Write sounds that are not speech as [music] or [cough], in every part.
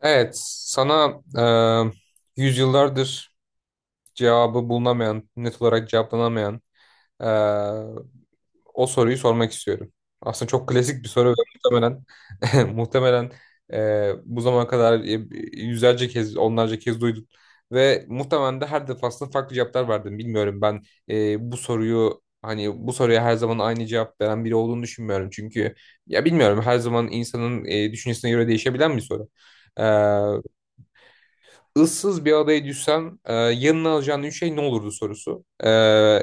Evet, sana yüzyıllardır cevabı bulunamayan, net olarak cevaplanamayan e, o soruyu sormak istiyorum. Aslında çok klasik bir soru ve muhtemelen [laughs] muhtemelen bu zamana kadar yüzlerce kez, onlarca kez duydun ve muhtemelen de her defasında farklı cevaplar verdin. Bilmiyorum ben bu soruyu hani bu soruya her zaman aynı cevap veren biri olduğunu düşünmüyorum. Çünkü ya bilmiyorum her zaman insanın düşüncesine göre değişebilen bir soru. E, ıssız bir adaya düşsen yanına alacağın üç şey ne olurdu sorusu.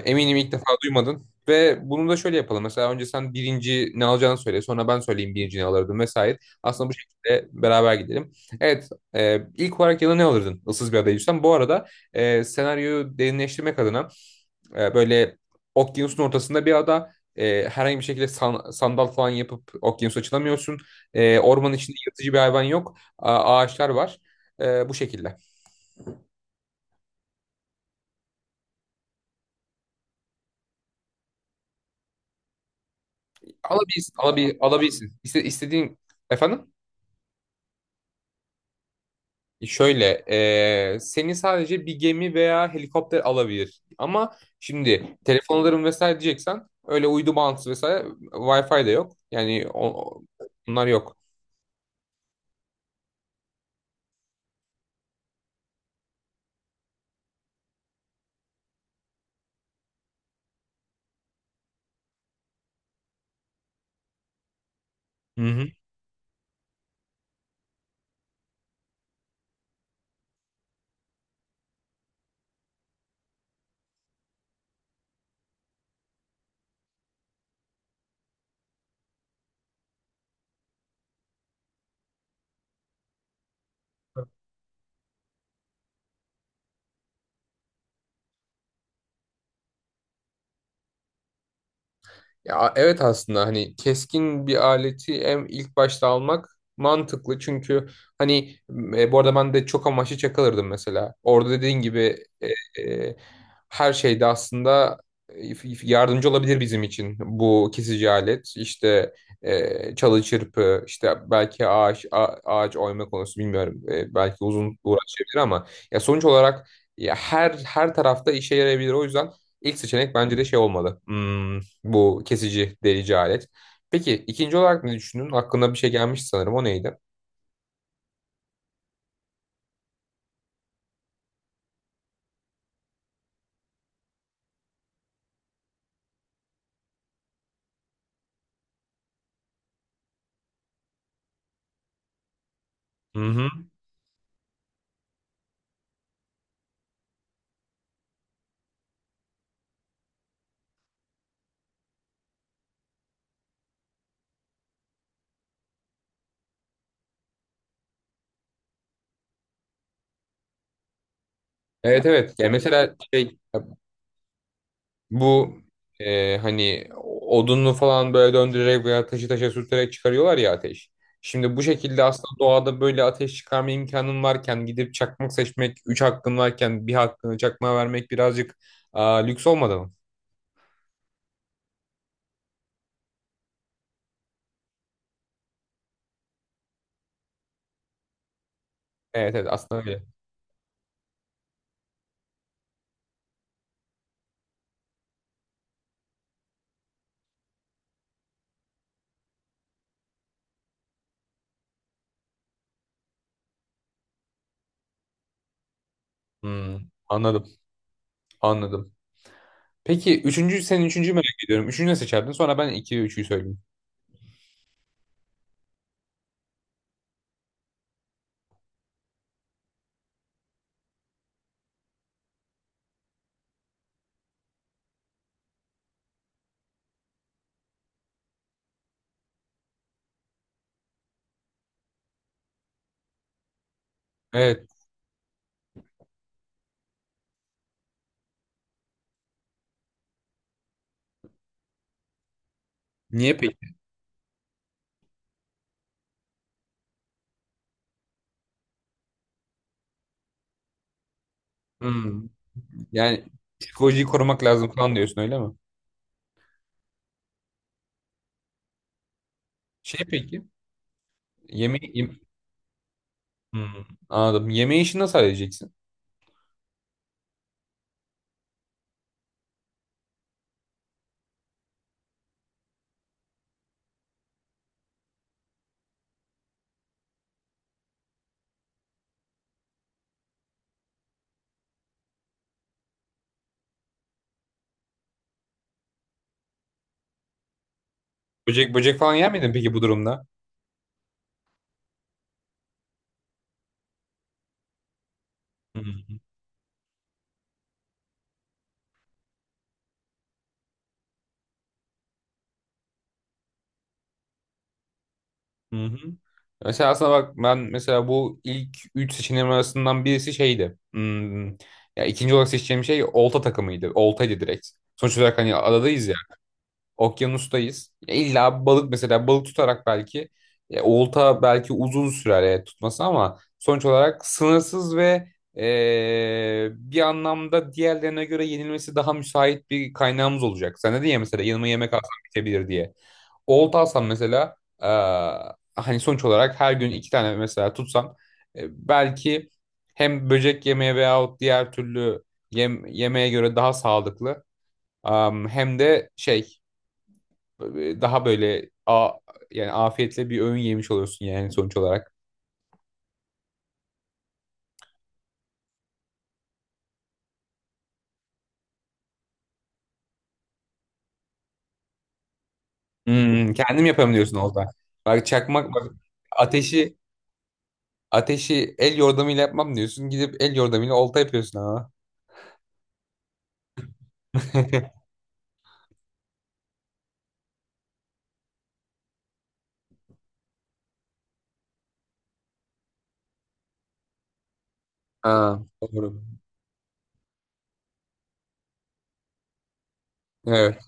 Eminim ilk defa duymadın. Ve bunu da şöyle yapalım. Mesela önce sen birinci ne alacağını söyle. Sonra ben söyleyeyim birinci ne alırdım vesaire. Aslında bu şekilde beraber gidelim. Evet. İlk olarak yanına ne alırdın ıssız bir adaya düşsen? Bu arada senaryoyu derinleştirmek adına böyle okyanusun ortasında bir ada. Herhangi bir şekilde sandal falan yapıp okyanusa açılamıyorsun. Ormanın içinde yırtıcı bir hayvan yok. Ağaçlar var. Bu şekilde. Alabilirsin, alabilirsin. İstediğin efendim? Şöyle, seni sadece bir gemi veya helikopter alabilir. Ama şimdi telefon alırım vesaire diyeceksen öyle uydu bağlantısı vesaire Wi-Fi de yok. Yani o, o- bunlar yok. Hı hı. Ya evet aslında hani keskin bir aleti en ilk başta almak mantıklı çünkü hani bu arada ben de çok amaçlı çakılırdım mesela. Orada dediğin gibi e, e, her şeyde aslında e, yardımcı olabilir bizim için bu kesici alet. İşte çalı çırpı, işte belki ağaç oyma konusu bilmiyorum. Belki uzun uğraşabilir ama ya sonuç olarak ya her tarafta işe yarayabilir. O yüzden ilk seçenek bence de şey olmalı. Hmm, bu kesici delici alet. Peki ikinci olarak ne düşündün? Aklına bir şey gelmiş sanırım. O neydi? Hı hı. Evet evet. Yani mesela şey bu hani odunlu falan böyle döndürerek veya taşı taşa sürterek çıkarıyorlar ya ateş. Şimdi bu şekilde aslında doğada böyle ateş çıkarma imkanın varken gidip çakmak seçmek, üç hakkın varken bir hakkını çakmağa vermek birazcık lüks olmadı mı? Evet evet aslında öyle. Hmm, anladım anladım. Peki üçüncü, senin üçüncüyü merak ediyorum. Üçüncü ne seçerdin? Sonra ben iki ve üçüyü söyleyeyim. Evet. Niye peki? Hmm. Yani psikolojiyi korumak lazım falan diyorsun öyle mi? Şey peki. Yemeği... yem- Hmm, anladım. Yemeği işini nasıl halledeceksin? Böcek böcek falan yer miydin peki bu durumda? Hmm. Hı hı. Hı. Mesela aslında bak ben mesela bu ilk 3 seçeneğim arasından birisi şeydi. Hmm, ya ikinci olarak seçeceğim şey olta takımıydı. Oltaydı direkt. Sonuç olarak hani adadayız ya. Okyanustayız. Ya İlla balık mesela balık tutarak belki olta belki uzun sürer tutması ama sonuç olarak sınırsız ve bir anlamda diğerlerine göre yenilmesi daha müsait bir kaynağımız olacak. Sen dedin ya mesela yanıma yemek alsam bitebilir diye. Olta alsam mesela e, hani sonuç olarak her gün iki tane mesela tutsam belki hem böcek yemeye veyahut diğer türlü yemeğe göre daha sağlıklı, hem de şey e, daha böyle a, yani afiyetle bir öğün yemiş oluyorsun yani sonuç olarak. Hmm, kendim yaparım diyorsun orada. Bak çakmak bak ateşi ateşi el yordamıyla yapmam diyorsun. Gidip el yordamıyla olta yapıyorsun ama. [laughs] Ha, doğru. Evet.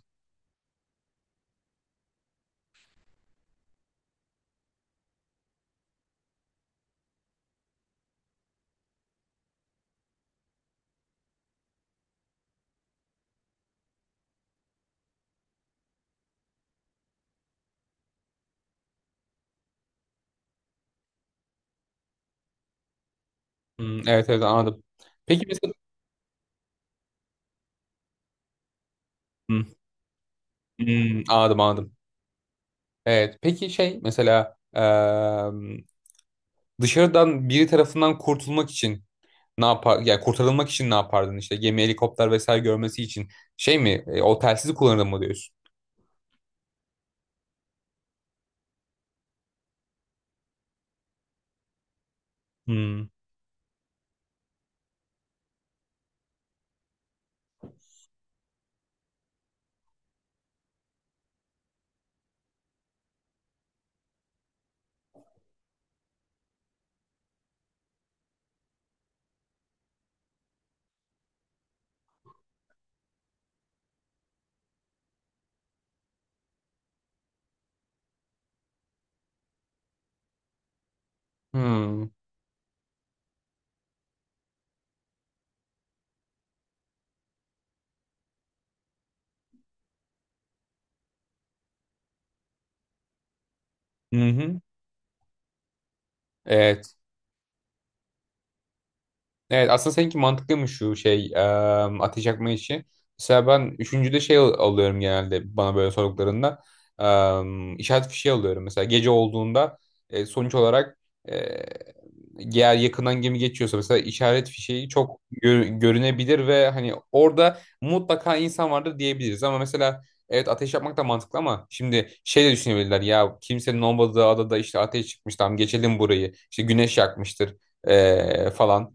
Hmm, evet evet anladım. Peki mesela hmm, hmm, anladım anladım. Evet. Peki şey mesela dışarıdan biri tarafından kurtulmak için ne yapar? Yani kurtarılmak için ne yapardın işte? Gemi, helikopter vesaire görmesi için. Şey mi? E, o telsizi kullanırdım mı diyorsun? Hmm. Hmm. Hı-hı. Evet. Evet aslında seninki mantıklıymış şu şey ateş yakma işi. Mesela ben üçüncüde şey alıyorum genelde bana böyle sorduklarında. İşaret fişeği alıyorum. Mesela gece olduğunda sonuç olarak e, eğer yakından gemi geçiyorsa mesela işaret fişeği çok görünebilir ve hani orada mutlaka insan vardır diyebiliriz. Ama mesela evet ateş yapmak da mantıklı ama şimdi şey de düşünebilirler ya kimsenin olmadığı adada işte ateş çıkmış, tamam geçelim burayı işte güneş yakmıştır falan.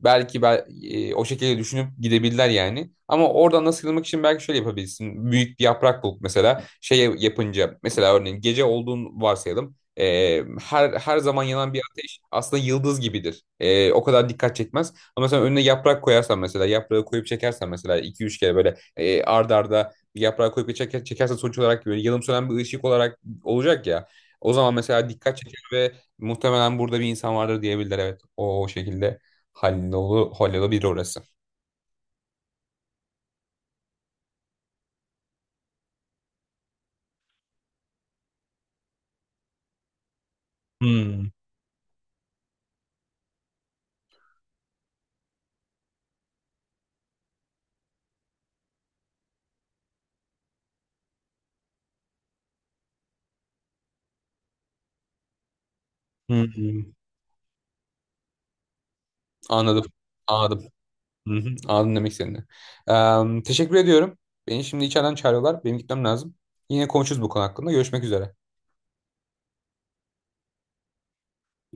O şekilde düşünüp gidebilirler yani. Ama oradan nasıl sıyrılmak için belki şöyle yapabilirsin. Büyük bir yaprak bulup mesela şey yapınca mesela örneğin gece olduğunu varsayalım. Her her zaman yanan bir ateş aslında yıldız gibidir. O kadar dikkat çekmez. Ama sen önüne yaprak koyarsan mesela yaprağı koyup çekersen mesela iki üç kere böyle ard arda bir yaprağı koyup bir çekersen sonuç olarak böyle yanım sönen bir ışık olarak olacak ya. O zaman mesela dikkat çeker ve muhtemelen burada bir insan vardır diyebilirler evet. O şekilde hallolabilir orası. Hmm. Hmm. Anladım. Anladım. Hı hı. Anladım demek istediğini. Teşekkür ediyorum. Beni şimdi içeriden çağırıyorlar. Benim gitmem lazım. Yine konuşuruz bu konu hakkında. Görüşmek üzere.